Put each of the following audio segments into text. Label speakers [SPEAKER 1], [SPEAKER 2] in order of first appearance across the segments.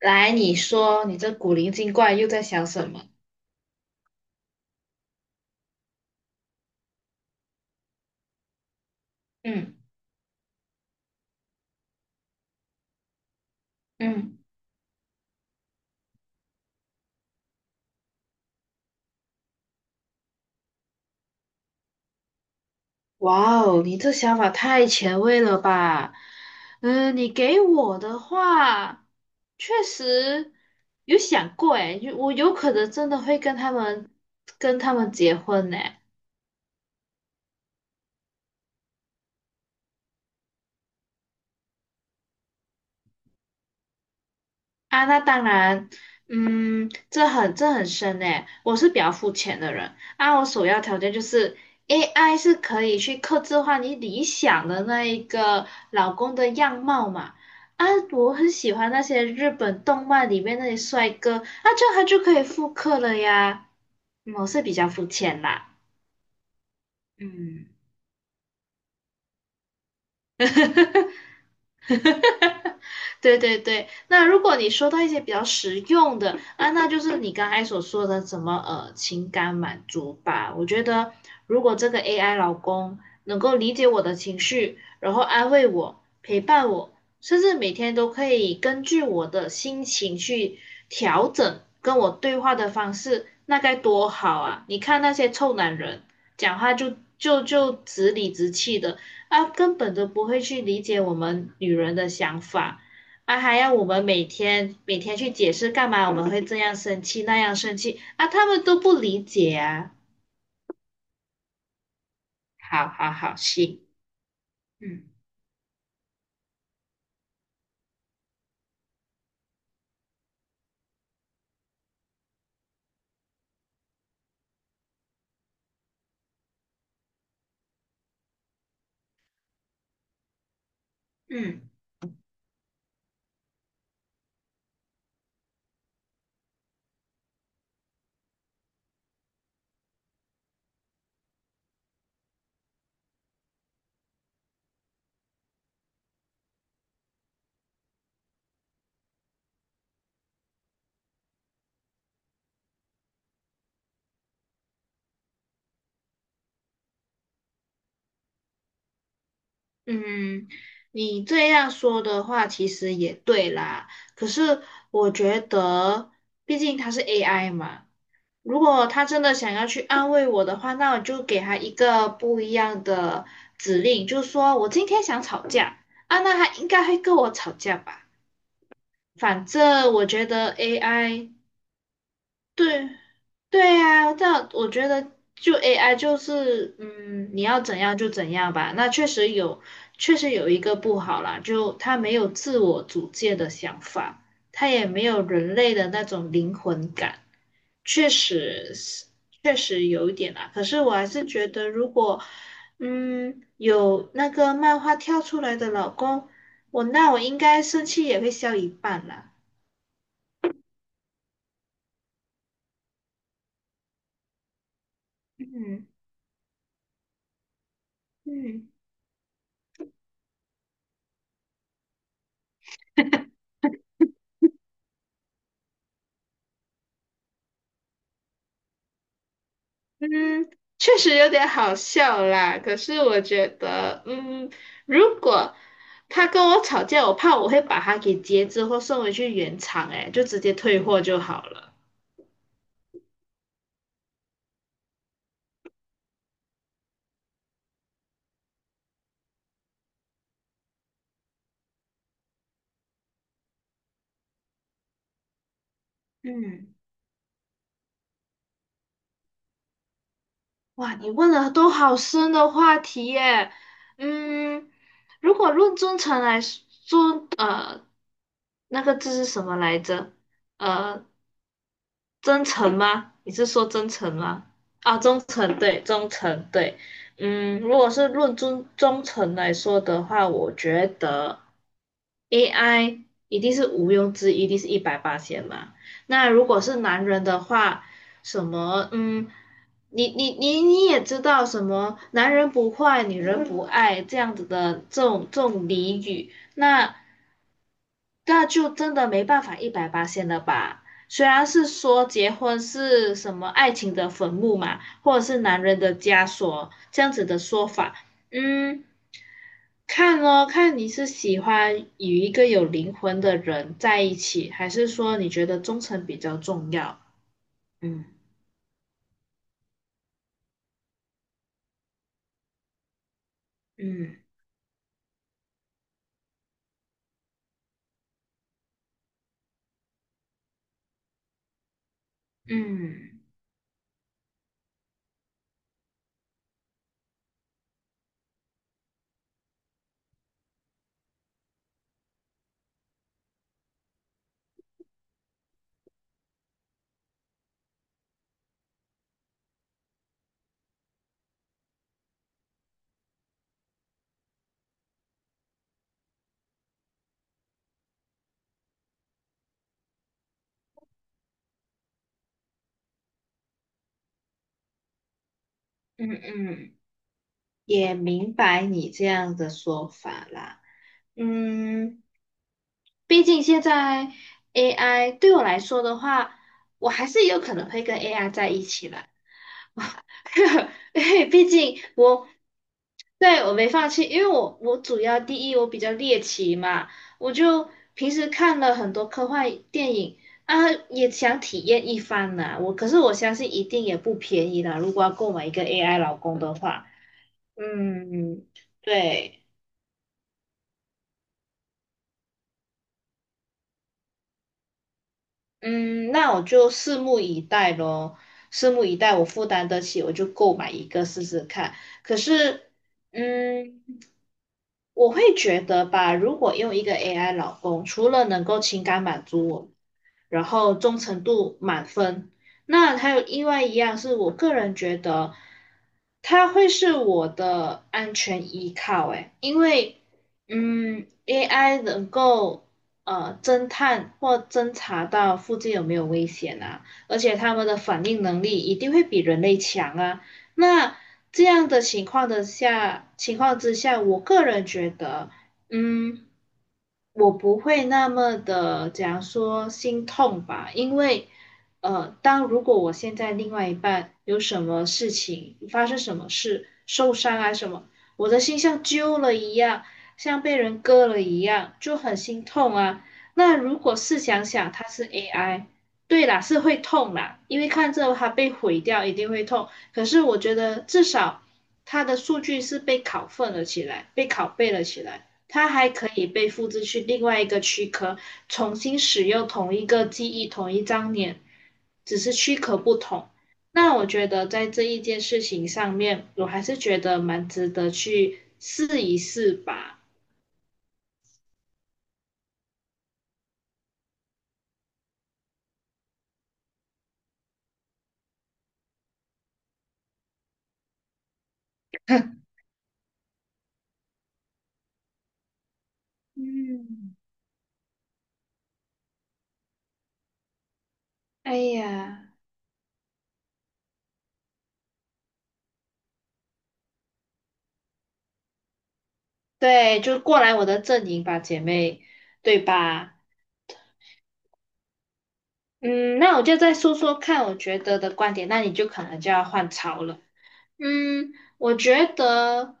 [SPEAKER 1] 来，你说你这古灵精怪又在想什么？嗯嗯。哇哦，你这想法太前卫了吧？嗯，你给我的话，确实有想过诶，我有可能真的会跟他们结婚呢。啊，那当然，嗯，这很深诶，我是比较肤浅的人啊，我首要条件就是 AI 是可以去刻制化你理想的那一个老公的样貌嘛。啊，我很喜欢那些日本动漫里面那些帅哥，啊，这样他就可以复刻了呀。嗯，我是比较肤浅啦，嗯。对对对，那如果你说到一些比较实用的啊，那就是你刚才所说的什么情感满足吧。我觉得如果这个 AI 老公能够理解我的情绪，然后安慰我、陪伴我，甚至每天都可以根据我的心情去调整跟我对话的方式，那该多好啊！你看那些臭男人讲话就直理直气的，啊，根本都不会去理解我们女人的想法，啊，还要我们每天每天去解释干嘛我们会这样生气那样生气啊，他们都不理解啊。好好好，行，嗯嗯嗯，你这样说的话其实也对啦，可是我觉得，毕竟它是 AI 嘛，如果他真的想要去安慰我的话，那我就给他一个不一样的指令，就是说我今天想吵架啊，那他应该会跟我吵架吧？反正我觉得 AI。 对对呀，这样我觉得就 AI 就是，嗯，你要怎样就怎样吧。那确实有，确实有一个不好啦，就它没有自我主见的想法，它也没有人类的那种灵魂感。确实是，确实有一点啦。可是我还是觉得，如果有那个漫画跳出来的老公，那我应该生气也会消一半啦。嗯嗯。嗯，确实有点好笑啦。可是我觉得，嗯，如果他跟我吵架，我怕我会把他给截肢或送回去原厂，哎，就直接退货就好了。嗯，哇，你问了都好深的话题耶。嗯，如果论忠诚来说，那个字是什么来着？呃。真诚吗？你是说真诚吗？啊，忠诚，对，忠诚，对。嗯，如果是论忠诚来说的话，我觉得 AI 一定是毋庸置疑，一定是一百八千嘛。那如果是男人的话，什么，嗯，你也知道什么，男人不坏，女人不爱这样子的这种俚语，那。那就真的没办法一百八十了吧？虽然是说结婚是什么爱情的坟墓嘛，或者是男人的枷锁这样子的说法，嗯，看哦，看你是喜欢与一个有灵魂的人在一起，还是说你觉得忠诚比较重要？嗯嗯嗯嗯嗯，也明白你这样的说法啦。嗯，毕竟现在 AI 对我来说的话，我还是有可能会跟 AI 在一起的。因为毕竟我对我没放弃，因为我主要第一我比较猎奇嘛，我就平时看了很多科幻电影啊，也想体验一番呢。可是我相信一定也不便宜啦，如果要购买一个 AI 老公的话，嗯，对。嗯，那我就拭目以待咯，拭目以待，我负担得起，我就购买一个试试看。可是，嗯，我会觉得吧，如果用一个 AI 老公，除了能够情感满足我，然后忠诚度满分，那还有另外一样是我个人觉得，它会是我的安全依靠，诶，因为嗯，AI 能够侦探或侦查到附近有没有危险啊，而且他们的反应能力一定会比人类强啊。那这样的情况之下，我个人觉得，嗯，我不会那么的，讲说心痛吧，因为。当如果我现在另外一半有什么事情发生，什么事受伤啊什么，我的心像揪了一样，像被人割了一样，就很心痛啊。那如果试想想，它是 AI，对啦，是会痛啦，因为看着它被毁掉一定会痛。可是我觉得至少它的数据是被拷份了起来，被拷贝了起来。它还可以被复制去另外一个躯壳，重新使用同一个记忆、同一张脸，只是躯壳不同。那我觉得在这一件事情上面，我还是觉得蛮值得去试一试吧。嗯，哎呀，对，就过来我的阵营吧，姐妹，对吧？嗯，那我就再说说看我觉得的观点，那你就可能就要换槽了。嗯，我觉得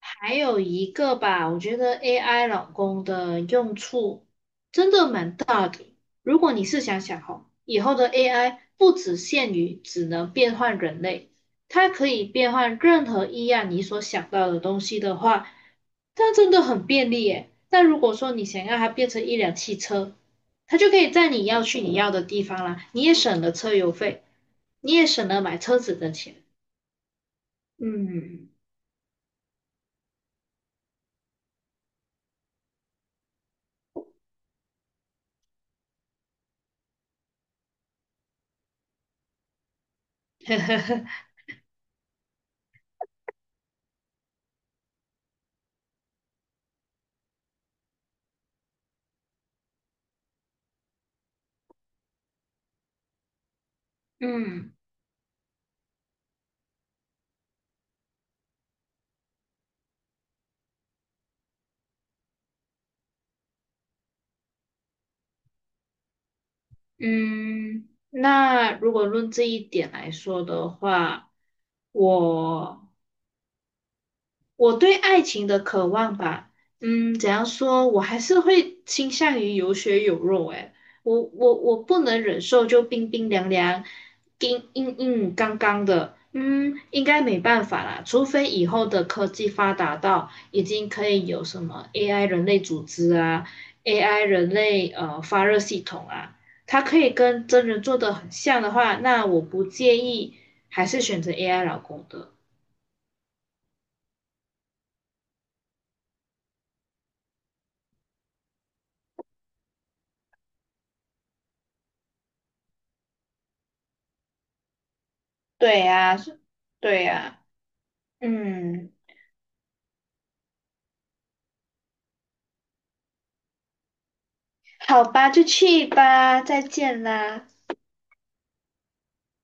[SPEAKER 1] 还有一个吧，我觉得 AI 老公的用处真的蛮大的。如果你试想想哦，以后的 AI 不只限于只能变换人类，它可以变换任何一样你所想到的东西的话，它真的很便利耶。那如果说你想要它变成一辆汽车，它就可以在你要的地方啦，你也省了车油费，你也省了买车子的钱。嗯。嗯嗯，那如果论这一点来说的话，我我对爱情的渴望吧，嗯，怎样说，我还是会倾向于有血有肉。诶，我不能忍受就冰冰凉凉、硬硬刚刚的，嗯，应该没办法啦，除非以后的科技发达到已经可以有什么 AI 人类组织啊，AI 人类发热系统啊，它可以跟真人做的很像的话，那我不介意，还是选择 AI 老公的。对呀，是，对呀。嗯，好吧，就去吧，再见啦。